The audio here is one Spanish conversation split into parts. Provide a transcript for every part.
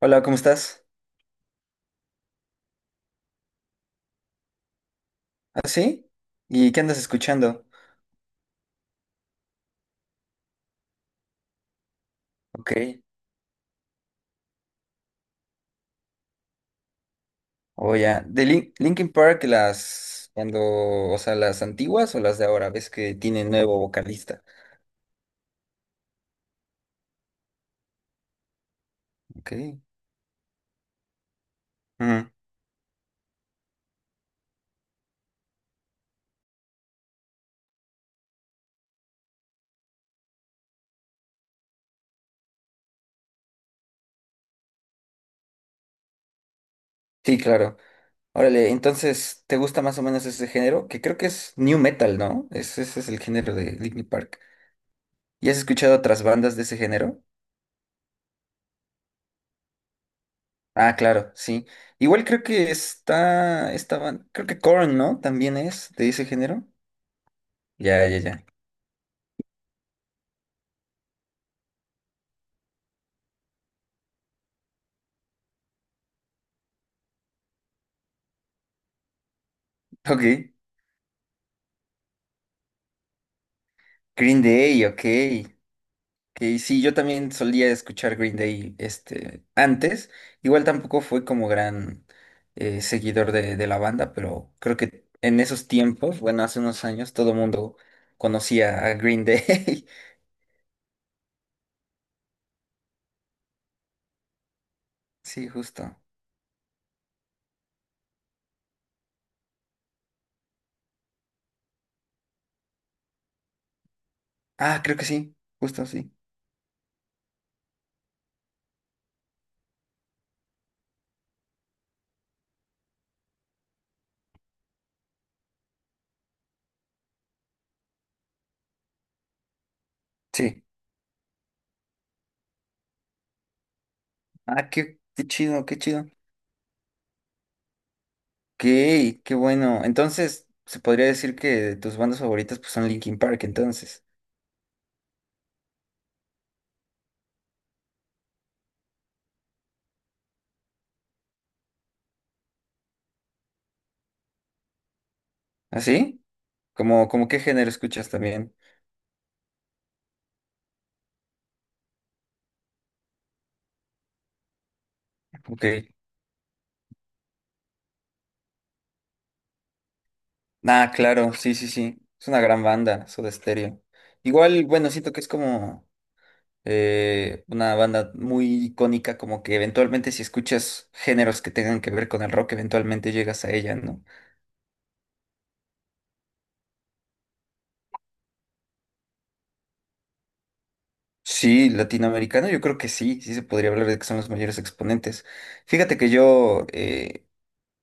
Hola, ¿cómo estás? ¿Ah, sí? ¿Y qué andas escuchando? Ok. O ya. De Linkin Park, las las antiguas o las de ahora, ves que tiene nuevo vocalista. Ok. Ujú. Sí, claro. Órale, entonces, ¿te gusta más o menos ese género? Que creo que es new metal, ¿no? Ese es el género de Linkin Park. ¿Y has escuchado otras bandas de ese género? Ah, claro, sí. Igual creo que creo que Korn, ¿no? También es de ese género. Ya, ya, ya. Ok. Green Day, ok. Que sí, yo también solía escuchar Green Day este, antes. Igual tampoco fue como gran seguidor de la banda, pero creo que en esos tiempos, bueno, hace unos años, todo el mundo conocía a Green Day. Sí, justo. Ah, creo que sí, justo sí. Sí. Ah, qué, qué chido, qué chido. Ok, qué bueno. Entonces, se podría decir que tus bandas favoritas pues, son Linkin Park, entonces. ¿Así? ¿Como como qué género escuchas también? Ok. Ah, claro, sí, sí, sí. Es una gran banda, Soda Stereo. Igual, bueno, siento que es como una banda muy icónica, como que eventualmente si escuchas géneros que tengan que ver con el rock, eventualmente llegas a ella, ¿no? Sí, latinoamericano, yo creo que sí, sí se podría hablar de que son los mayores exponentes. Fíjate que yo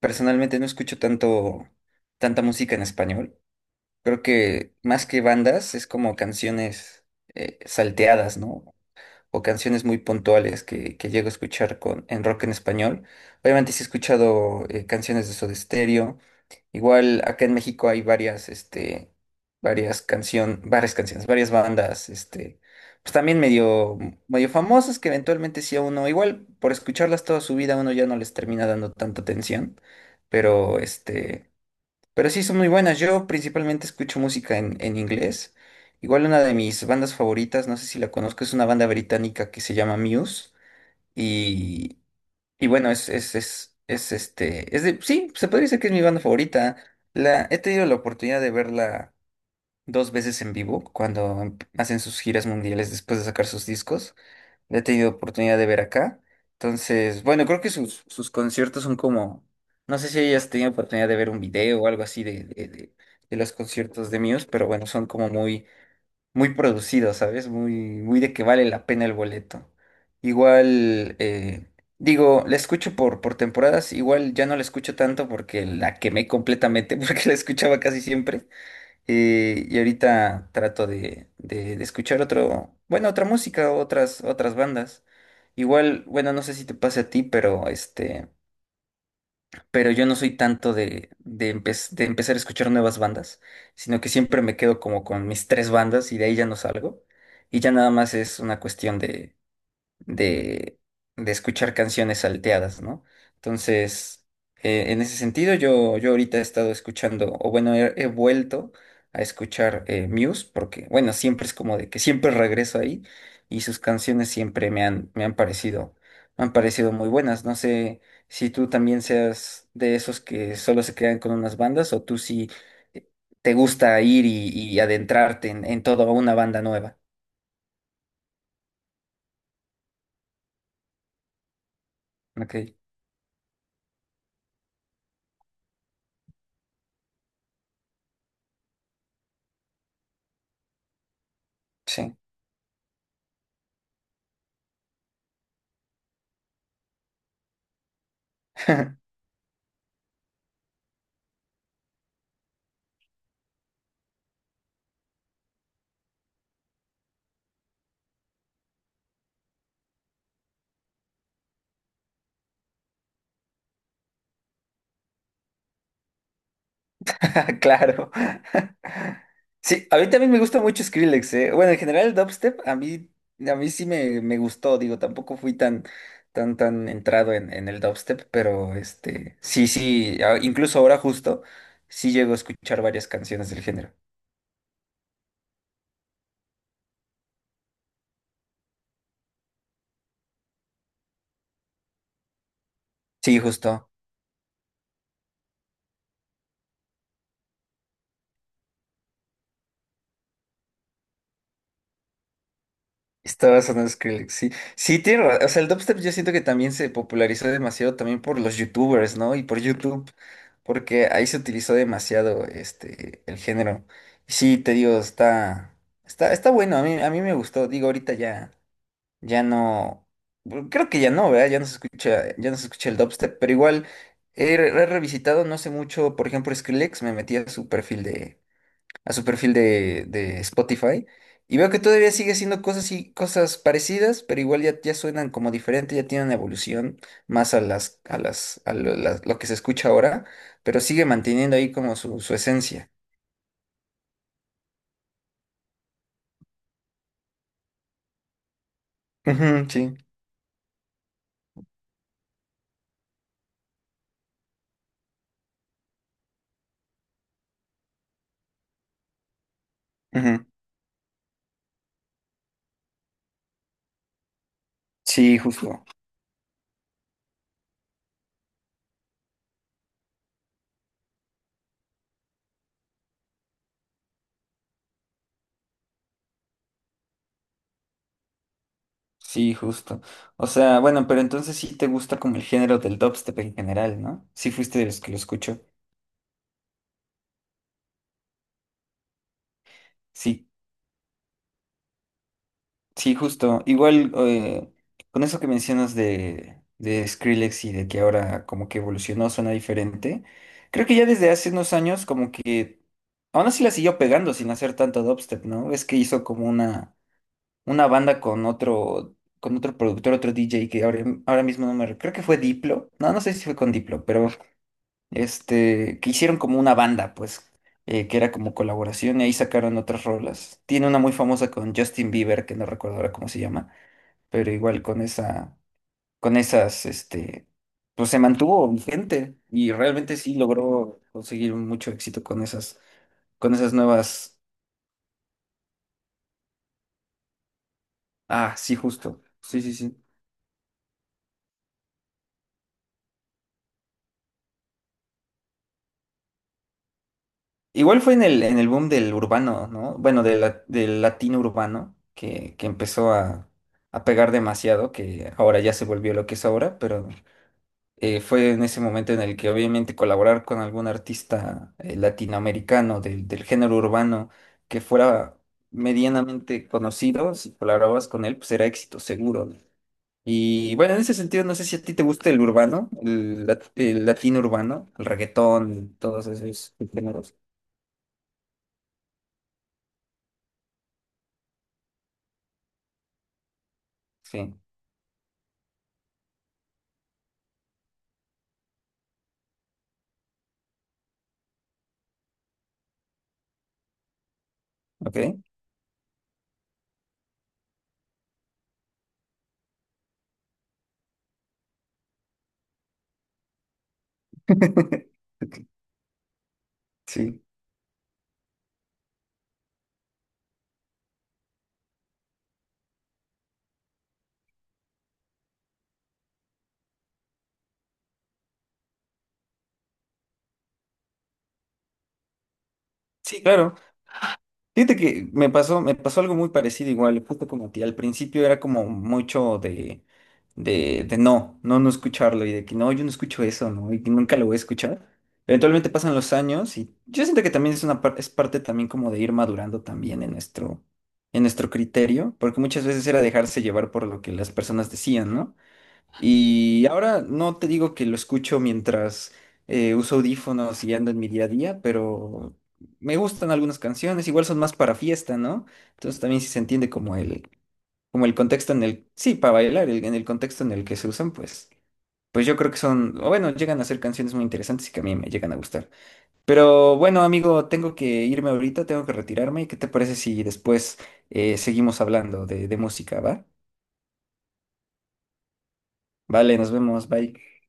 personalmente no escucho tanto, tanta música en español. Creo que más que bandas es como canciones salteadas, ¿no? O canciones muy puntuales que llego a escuchar en rock en español. Obviamente sí he escuchado canciones de Soda Stereo. Igual acá en México hay varias, este, varias canciones, varias bandas, este, pues también medio famosas que eventualmente sí a uno, igual por escucharlas toda su vida uno ya no les termina dando tanta atención, pero este... Pero sí, son muy buenas. Yo principalmente escucho música en inglés. Igual una de mis bandas favoritas, no sé si la conozco, es una banda británica que se llama Muse. Y, y bueno, es este, es de, sí, se podría decir que es mi banda favorita. La, he tenido la oportunidad de verla dos veces en vivo cuando hacen sus giras mundiales después de sacar sus discos he tenido oportunidad de ver acá. Entonces, bueno, creo que sus conciertos son como, no sé si hayas tenido oportunidad de ver un video o algo así de los conciertos de Muse, pero bueno, son como muy, muy producidos, ¿sabes? Muy, muy de que vale la pena el boleto. Igual, digo, la escucho por temporadas, igual ya no la escucho tanto porque la quemé completamente, porque la escuchaba casi siempre. Y ahorita trato de escuchar otro, bueno, otra música, otras, otras bandas. Igual, bueno, no sé si te pase a ti, pero este, pero yo no soy tanto de empezar a escuchar nuevas bandas, sino que siempre me quedo como con mis tres bandas y de ahí ya no salgo. Y ya nada más es una cuestión de, de escuchar canciones salteadas, ¿no? Entonces, en ese sentido, yo ahorita he estado escuchando, o bueno, he vuelto a escuchar Muse, porque, bueno, siempre es como de que siempre regreso ahí y sus canciones siempre me han parecido muy buenas. No sé si tú también seas de esos que solo se quedan con unas bandas o tú sí eh, te gusta ir y adentrarte en toda una banda nueva. Ok, sí. Claro. Sí, a mí también me gusta mucho Skrillex, eh. Bueno, en general el dubstep a mí sí me gustó, digo, tampoco fui tan, tan, tan entrado en el dubstep, pero este, sí, sí, incluso ahora justo, sí llego a escuchar varias canciones del género. Sí, justo. Estaba sonando Skrillex, sí. Sí, tiene o sea, el dubstep yo siento que también se popularizó demasiado también por los youtubers, ¿no? Y por YouTube, porque ahí se utilizó demasiado este, el género. Y sí, te digo, está bueno, a mí me gustó. Digo, ahorita ya, ya no, bueno, creo que ya no, ¿verdad? Ya no se escucha, ya no se escucha el dubstep, pero igual he revisitado no sé mucho, por ejemplo, Skrillex, me metí a su perfil de a su perfil de Spotify y veo que todavía sigue haciendo cosas y cosas parecidas, pero igual ya, ya suenan como diferente, ya tienen una evolución más a las, a las, a lo, las- lo que se escucha ahora, pero sigue manteniendo ahí como su esencia. Ujú, sí, ujú. Sí, justo. Sí, justo. O sea, bueno, pero entonces sí te gusta como el género del dubstep en general, ¿no? Sí fuiste de los que lo escuchó. Sí. Sí, justo. Igual con eso que mencionas de Skrillex y de que ahora como que evolucionó, suena diferente. Creo que ya desde hace unos años como que aún así la siguió pegando sin hacer tanto dubstep, ¿no? Es que hizo como una banda con otro productor, otro DJ que ahora, ahora mismo no me... creo que fue Diplo. No, no sé si fue con Diplo, pero este, que hicieron como una banda, pues, que era como colaboración y ahí sacaron otras rolas. Tiene una muy famosa con Justin Bieber, que no recuerdo ahora cómo se llama pero igual con esa, con esas, este, pues se mantuvo vigente y realmente sí logró conseguir mucho éxito con esas nuevas, ah, sí, justo, sí, sí, sí. Igual fue en el boom del urbano, ¿no? Bueno, del latino urbano, que empezó a pegar demasiado, que ahora ya se volvió lo que es ahora, pero fue en ese momento en el que obviamente colaborar con algún artista latinoamericano del género urbano que fuera medianamente conocido, si colaborabas con él, pues era éxito seguro. ¿No? Y bueno, en ese sentido, no sé si a ti te gusta el urbano, el latino urbano, el reggaetón, todos esos géneros. Sí, ok. Sí. Sí, claro. Fíjate que me pasó algo muy parecido igual, justo como a ti. Al principio era como mucho de, no, no, no escucharlo y de que no, yo no escucho eso, ¿no? Y que nunca lo voy a escuchar. Eventualmente pasan los años y yo siento que también es una es parte también como de ir madurando también en nuestro criterio, porque muchas veces era dejarse llevar por lo que las personas decían, ¿no? Y ahora no te digo que lo escucho mientras uso audífonos y ando en mi día a día, pero me gustan algunas canciones, igual son más para fiesta, ¿no? Entonces también si se entiende como como el contexto en el, sí, para bailar, en el contexto en el que se usan, pues, pues yo creo que son, o bueno, llegan a ser canciones muy interesantes y que a mí me llegan a gustar. Pero bueno, amigo, tengo que irme ahorita, tengo que retirarme. ¿Qué te parece si después seguimos hablando de música, va? Vale, nos vemos, bye.